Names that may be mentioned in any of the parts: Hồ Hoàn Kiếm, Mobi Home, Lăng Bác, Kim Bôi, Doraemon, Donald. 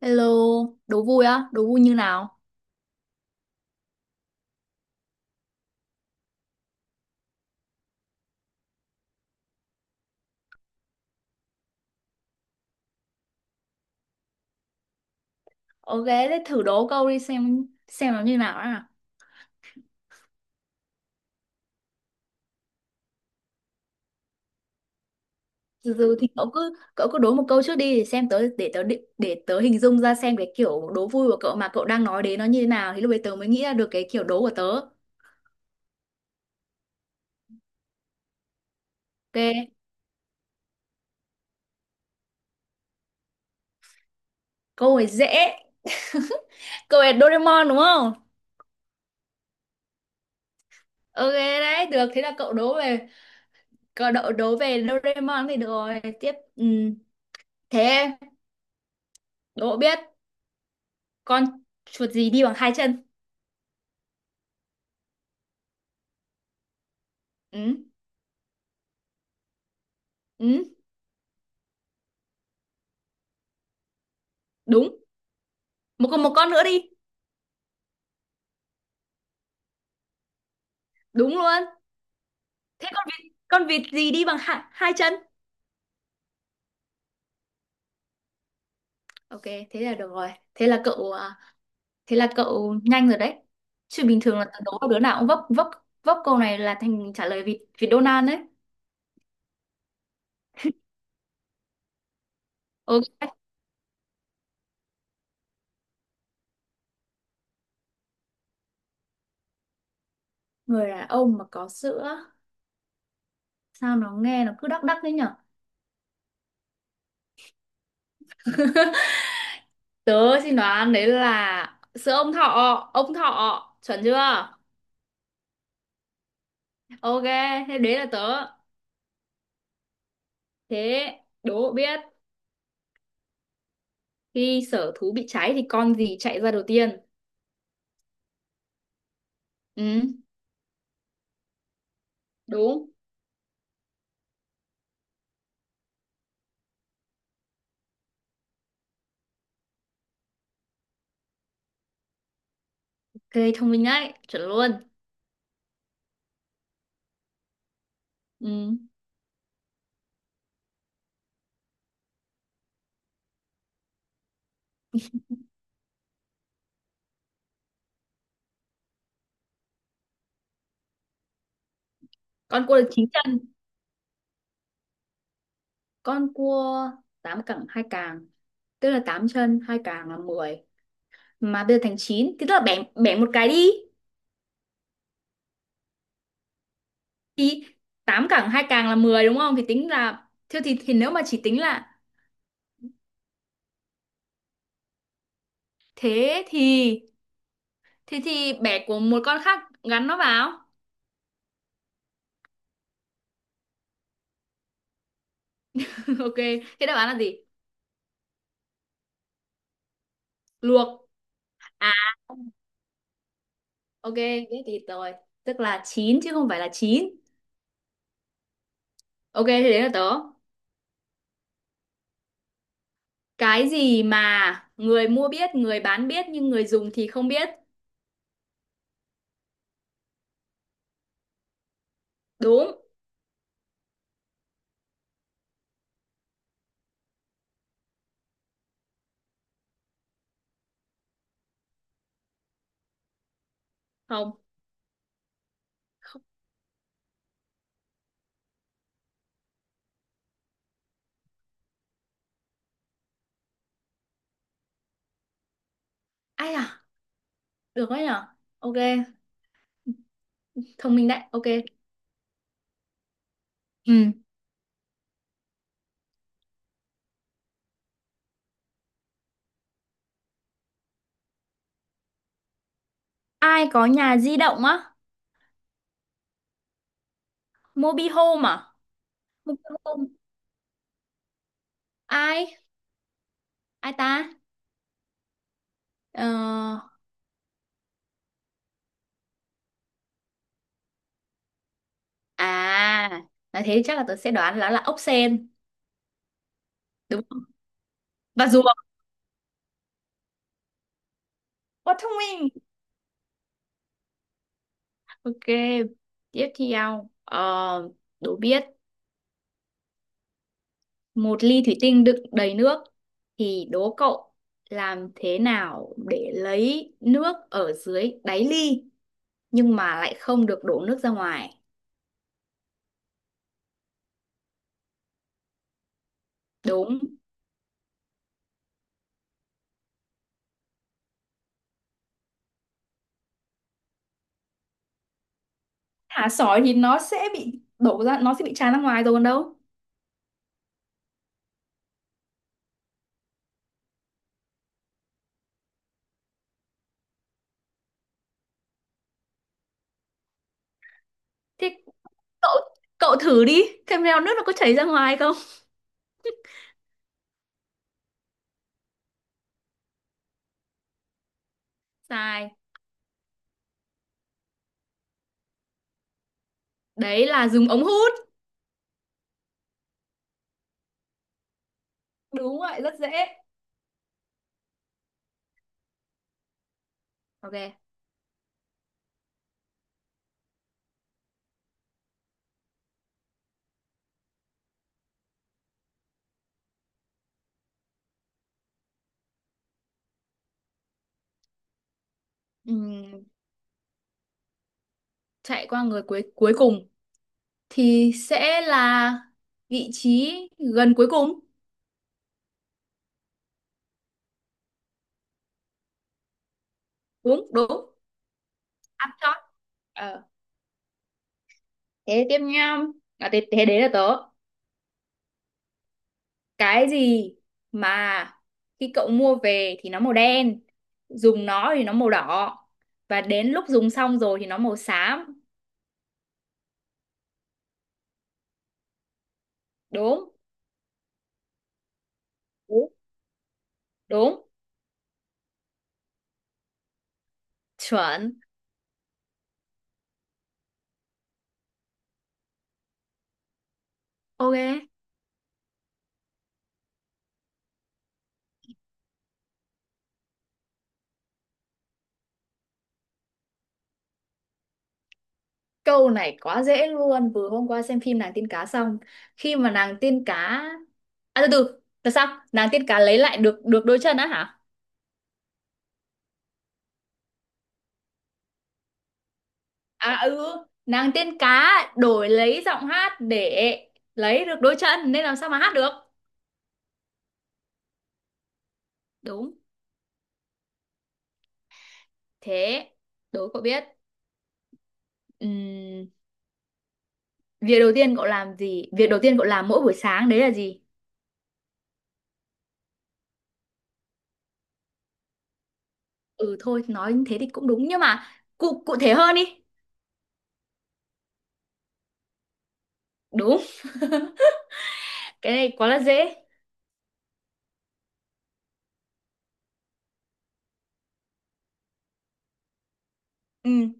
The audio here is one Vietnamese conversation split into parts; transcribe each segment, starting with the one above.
Hello, đố vui á, đố vui như nào? Ok, thế thử đố câu đi xem nó như nào á. Từ từ thì cậu cứ đố một câu trước đi để xem tớ, để tớ hình dung ra xem cái kiểu đố vui của cậu mà cậu đang nói đến nó như thế nào thì lúc đấy tớ mới nghĩ ra được cái kiểu đố của tớ. Ok, câu này dễ. Câu này Doraemon đúng không? Ok đấy, được thế là cậu đố về cậu đố, đố về Doraemon thì được rồi. Tiếp, ừ. Thế đố biết con chuột gì đi bằng hai chân? Ừ. Ừ. Đúng. Một con nữa đi. Đúng luôn. Thế con vịt gì đi bằng hai chân? Ok thế là được rồi, thế là cậu à, thế là cậu nhanh rồi đấy, chứ bình thường là tớ đố đứa nào cũng vấp. Vấp câu này là thành trả lời vịt vịt Donald đấy. Ok, người đàn ông mà có sữa, sao nó nghe nó cứ đắc đắc đấy nhở. Tớ xin đoán đấy là sữa ông thọ. Ông thọ chuẩn chưa? Ok, thế đấy là tớ. Thế, đố biết khi sở thú bị cháy thì con gì chạy ra đầu tiên? Ừ. Đúng. Ok, thông minh đấy, chuẩn luôn. Ừ. Con cua được chín chân? Con cua tám cẳng hai càng, tức là tám chân hai càng là 10, mà bây giờ thành 9, thì tức là bẻ bẻ một cái đi. Thì tám cẳng hai càng là 10 đúng không, thì tính là thế thì nếu mà chỉ tính là thế thì bẻ của một con khác gắn nó vào. Ok, thế đáp án là gì? Luộc à. Ok, biết thì rồi, tức là 9 chứ không phải là chín. Ok, thế đấy là tớ. Cái gì mà người mua biết, người bán biết nhưng người dùng thì không biết. Đúng không? Không. Ai à? Được đấy nhở? Ok, thông minh đấy. Ok. Ừ. Ai có nhà di động á? Mobi Home à? Mobi Home. Ai? Ai ta? Ờ... À, nói thế thì chắc là tớ sẽ đoán là ốc sên. Đúng không? Và rùa. Quá thông minh. Ok. Tiếp theo. Ờ, đố biết một ly thủy tinh đựng đầy nước, thì đố cậu làm thế nào để lấy nước ở dưới đáy ly nhưng mà lại không được đổ nước ra ngoài. Đúng. Thả sỏi thì nó sẽ bị đổ ra, nó sẽ bị tràn ra ngoài rồi còn đâu. Thế cậu, cậu thử đi, xem nào nước nó có chảy ra ngoài không. Sai. Đấy là dùng ống hút. Đúng vậy, rất dễ. Ok. Ừm, chạy qua người cuối cuối cùng thì sẽ là vị trí gần cuối cùng. Đúng đúng. Ăn chót. Ờ, thế tiếp nha. À, thế, thế đấy là tớ. Cái gì mà khi cậu mua về thì nó màu đen, dùng nó thì nó màu đỏ, và đến lúc dùng xong rồi thì nó màu xám. Đúng. Đúng. Đúng. Chuẩn. Ok, câu này quá dễ luôn, vừa hôm qua xem phim nàng tiên cá xong. Khi mà nàng tiên cá, à từ từ là sao, nàng tiên cá lấy lại được được đôi chân á hả? À ừ, nàng tiên cá đổi lấy giọng hát để lấy được đôi chân nên làm sao mà hát được. Đúng, thế, đố cậu biết. Ừm, việc đầu tiên cậu làm gì? Việc đầu tiên cậu làm mỗi buổi sáng đấy là gì? Ừ thôi, nói như thế thì cũng đúng nhưng mà cụ cụ thể hơn đi. Đúng, cái này quá là dễ. Ừ,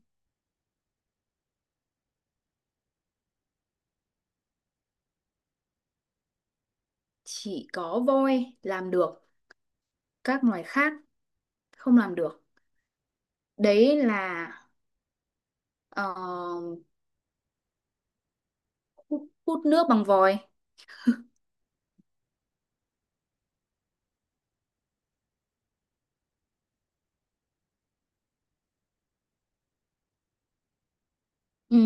chỉ có voi làm được, các loài khác không làm được. Đấy là ờ, hút, hút nước bằng vòi. Ừ,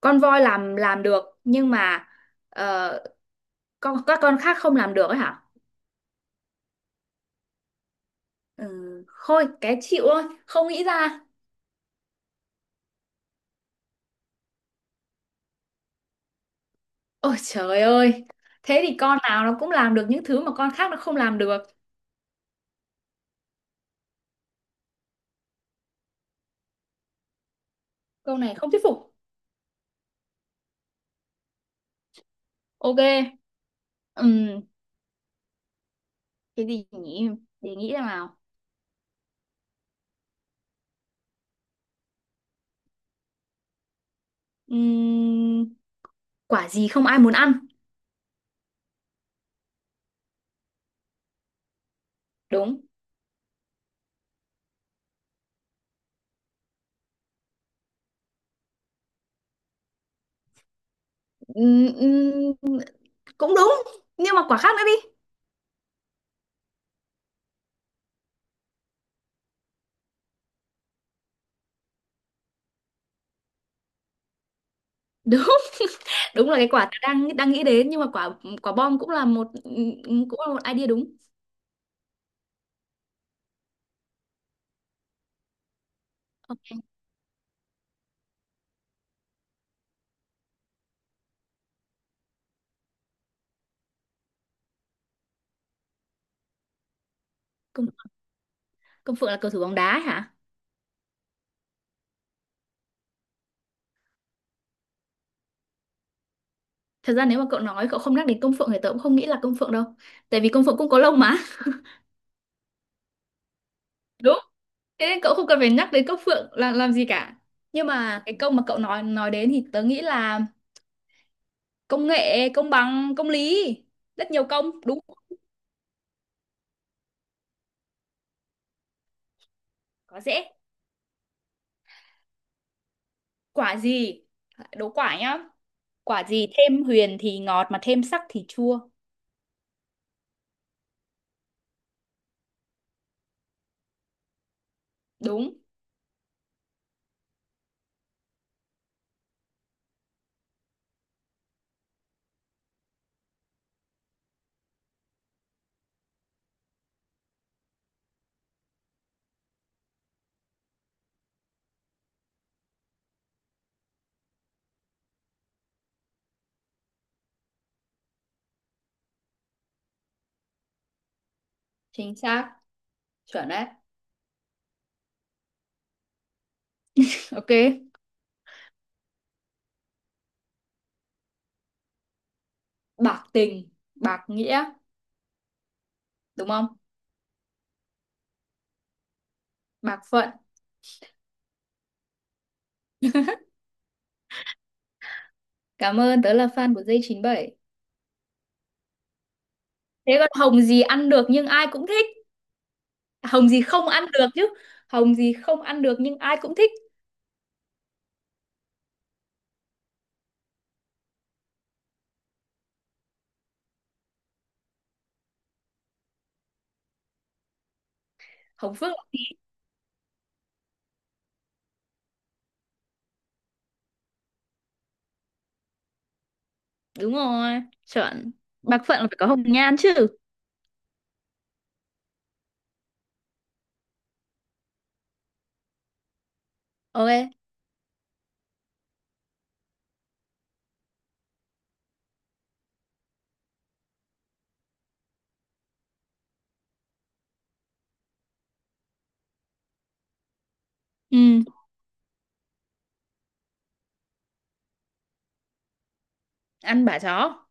con voi làm được nhưng mà ờ, con các con khác không làm được ấy hả. Ừ, thôi cái chịu thôi không nghĩ ra. Ôi trời ơi, thế thì con nào nó cũng làm được những thứ mà con khác nó không làm được. Câu này không thuyết phục. Ok. Ừm, cái gì nhỉ, để nghĩ ra nào. Ừm, quả gì không ai muốn ăn? Đúng. Ừm, ừm, cũng đúng nhưng mà quả khác nữa đi. Đúng. Đúng là cái quả tớ đang đang nghĩ đến nhưng mà quả, quả bom cũng là một cũng là một idea đúng. Công, công phượng là cầu thủ bóng đá ấy hả? Thật ra nếu mà cậu nói cậu không nhắc đến công phượng thì tớ cũng không nghĩ là công phượng đâu, tại vì công phượng cũng có lông mà. Đúng, thế nên cậu không cần phải nhắc đến công phượng là làm gì cả. Nhưng mà cái công mà cậu nói đến thì tớ nghĩ là công nghệ, công bằng, công lý, rất nhiều công đúng. Quá dễ. Quả gì, đố quả nhá. Quả gì thêm huyền thì ngọt mà thêm sắc thì chua? Đúng. Chính xác. Chuẩn đấy. Ok, bạc tình, bạc nghĩa, đúng không? Bạc phận. Cảm ơn, tớ là fan của dây 97. Thế còn hồng gì ăn được nhưng ai cũng thích. Hồng gì không ăn được chứ. Hồng gì không ăn được nhưng ai cũng thích. Hồng phượng. Đúng rồi, chuẩn. Bạc phận là phải có hồng nhan chứ. Ok. Ừ, ăn bả chó.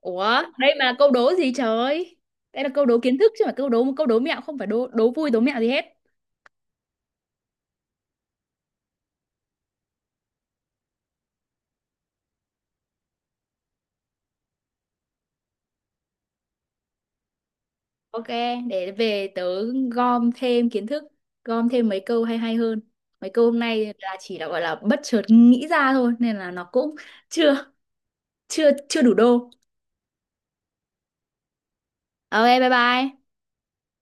Ủa, đây mà là câu đố gì trời? Đây là câu đố kiến thức chứ, mà câu đố, câu đố mẹo không phải đố, đố vui, đố mẹo gì hết. Ok, để về tớ gom thêm kiến thức, gom thêm mấy câu hay hay hơn. Mấy câu hôm nay là chỉ là gọi là bất chợt nghĩ ra thôi nên là nó cũng chưa chưa chưa đủ đô. Ok, bye bye.